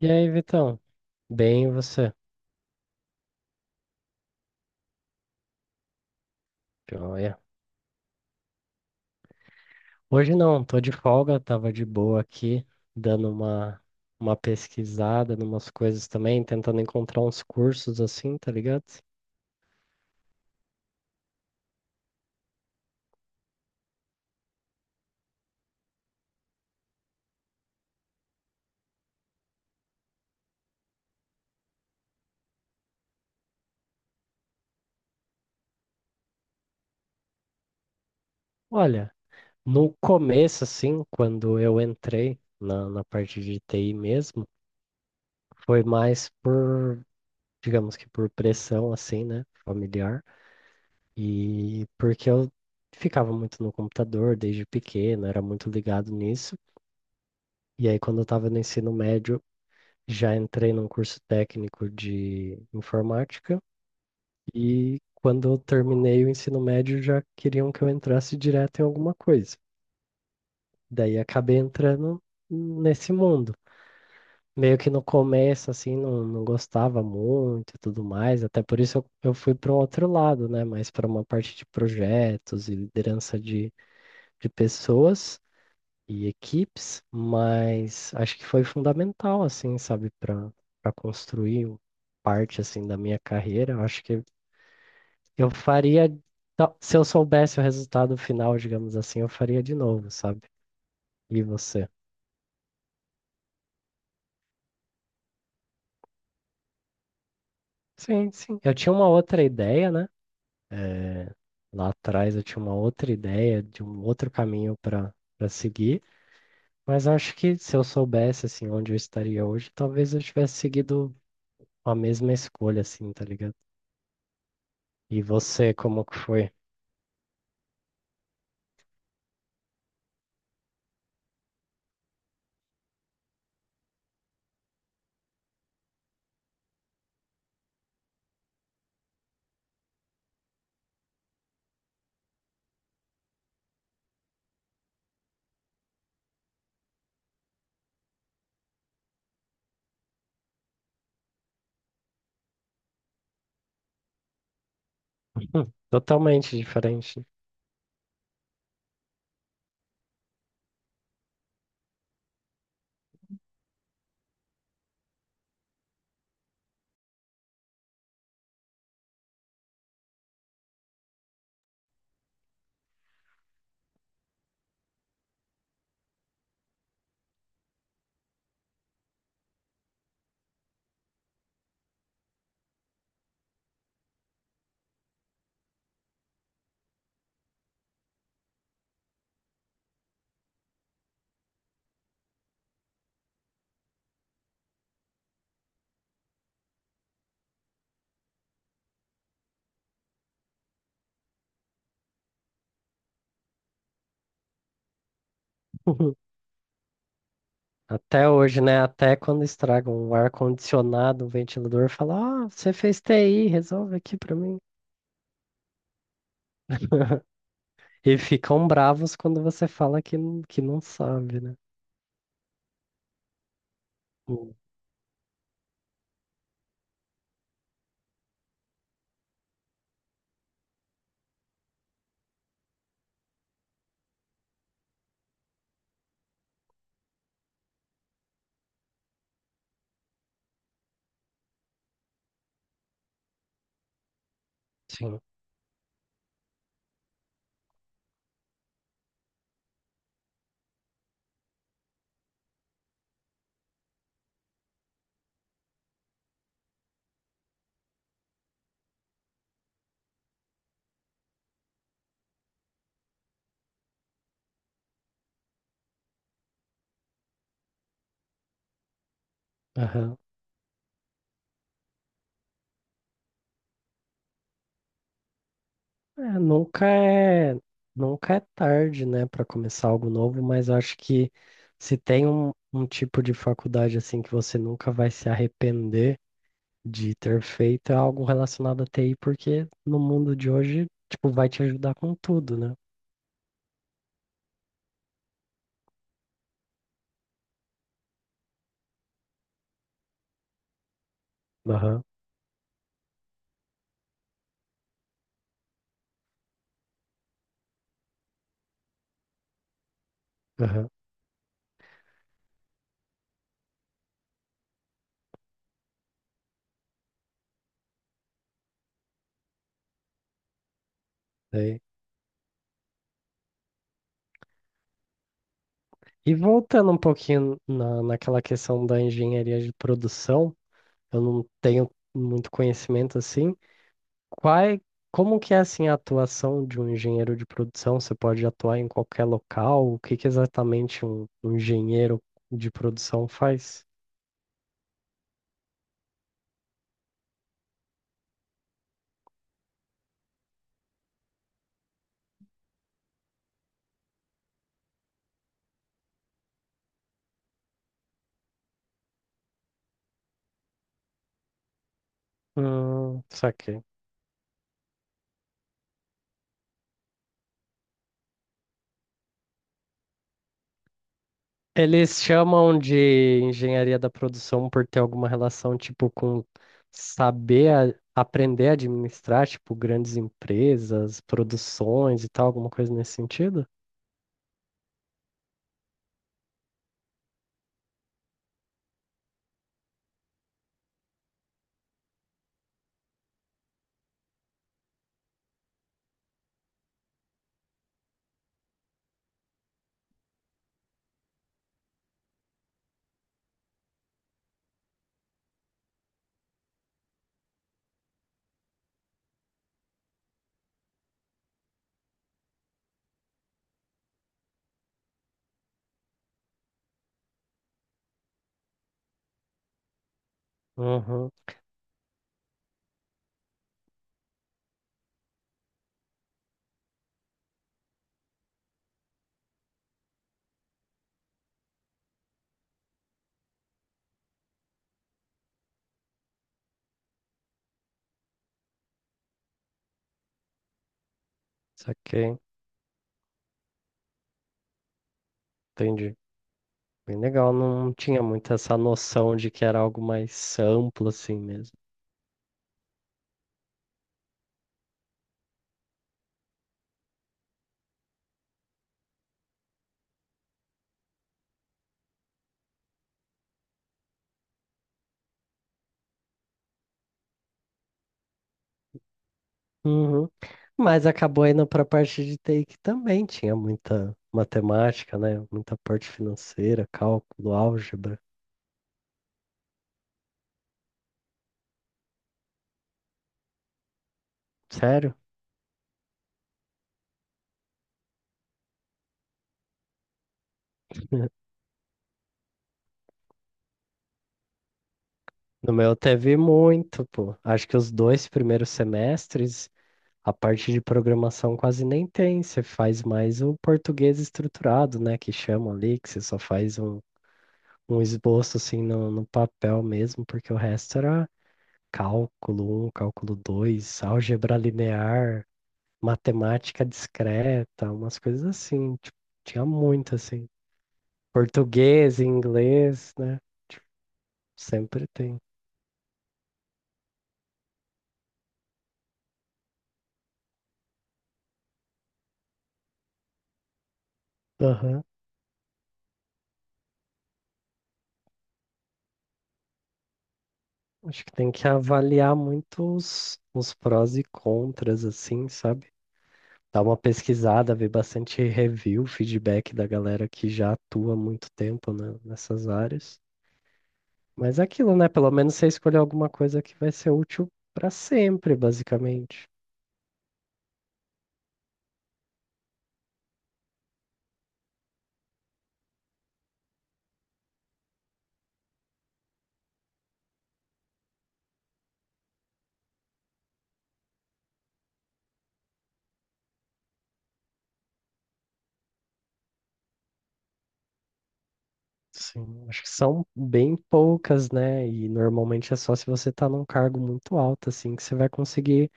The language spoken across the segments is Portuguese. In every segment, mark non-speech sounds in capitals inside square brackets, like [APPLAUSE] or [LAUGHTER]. E aí, Vitão? Bem, e você? Joia. Hoje não, tô de folga, tava de boa aqui, dando uma pesquisada numas coisas também, tentando encontrar uns cursos assim, tá ligado? Olha, no começo, assim, quando eu entrei na parte de TI mesmo, foi mais por, digamos que por pressão, assim, né, familiar, e porque eu ficava muito no computador desde pequeno, era muito ligado nisso. E aí, quando eu estava no ensino médio, já entrei num curso técnico de informática e quando eu terminei o ensino médio já queriam que eu entrasse direto em alguma coisa. Daí acabei entrando nesse mundo. Meio que no começo, assim, não gostava muito e tudo mais, até por isso eu fui para um outro lado, né? Mais para uma parte de projetos e liderança de pessoas e equipes, mas acho que foi fundamental, assim, sabe, para para construir parte, assim, da minha carreira. Eu acho que eu se eu soubesse o resultado final, digamos assim, eu faria de novo, sabe? E você? Sim, sim. Eu tinha uma outra ideia, né? Lá atrás eu tinha uma outra ideia de um outro caminho para para seguir, mas acho que se eu soubesse, assim, onde eu estaria hoje, talvez eu tivesse seguido a mesma escolha, assim, tá ligado? E você, como que foi? Totalmente diferente. [LAUGHS] Até hoje, né? Até quando estragam o ar-condicionado, o ventilador fala: ah, você fez TI, resolve aqui pra mim. [LAUGHS] E ficam bravos quando você fala que, que não sabe, né? Hum. Sim. Aham. É, nunca é tarde, né, para começar algo novo, mas eu acho que se tem um tipo de faculdade assim que você nunca vai se arrepender de ter feito é algo relacionado a TI, porque no mundo de hoje, tipo, vai te ajudar com tudo, né? Aham, aham. Sei. E voltando um pouquinho naquela questão da engenharia de produção, eu não tenho muito conhecimento assim. Quais, como que é assim a atuação de um engenheiro de produção? Você pode atuar em qualquer local? O que que exatamente um engenheiro de produção faz? Saquei. Eles chamam de engenharia da produção por ter alguma relação, tipo, com saber a- aprender a administrar, tipo, grandes empresas, produções e tal, alguma coisa nesse sentido? Uhum, saquei, entendi. Bem legal, não tinha muito essa noção de que era algo mais amplo assim mesmo. Uhum. Mas acabou indo para a parte de TI que também tinha muita matemática, né? Muita parte financeira, cálculo, álgebra. Sério? No meu teve muito, pô. Acho que os dois primeiros semestres, a parte de programação quase nem tem. Você faz mais o português estruturado, né? Que chama ali, que você só faz um esboço assim no, no papel mesmo, porque o resto era cálculo um, cálculo dois, álgebra linear, matemática discreta, umas coisas assim. Tipo, tinha muito assim. Português, inglês, né? Sempre tem. Acho que tem que avaliar muito os prós e contras, assim, sabe? Dar uma pesquisada, ver bastante review, feedback da galera que já atua há muito tempo, né, nessas áreas. Mas é aquilo, né? Pelo menos você escolher alguma coisa que vai ser útil para sempre, basicamente. Sim, acho que são bem poucas, né? E normalmente é só se você tá num cargo muito alto, assim, que você vai conseguir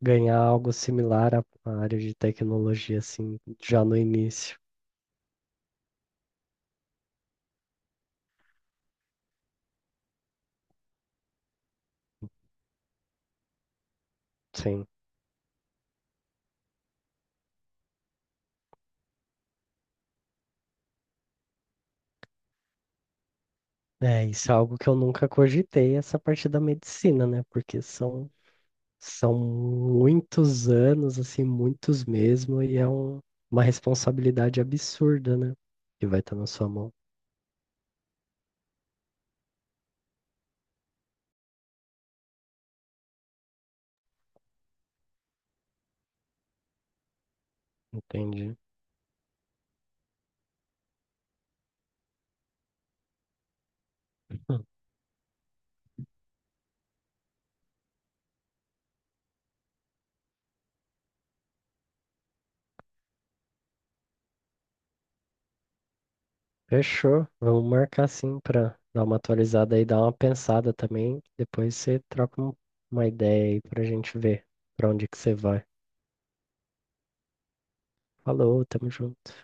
ganhar algo similar à área de tecnologia, assim, já no início. Sim. É, isso é algo que eu nunca cogitei, essa parte da medicina, né? Porque são, são muitos anos, assim, muitos mesmo, e é uma responsabilidade absurda, né? Que vai estar na sua mão. Entendi. Hum. Fechou. Vamos marcar sim para dar uma atualizada aí, dar uma pensada também. Depois você troca uma ideia aí pra gente ver pra onde que você vai. Falou, tamo junto.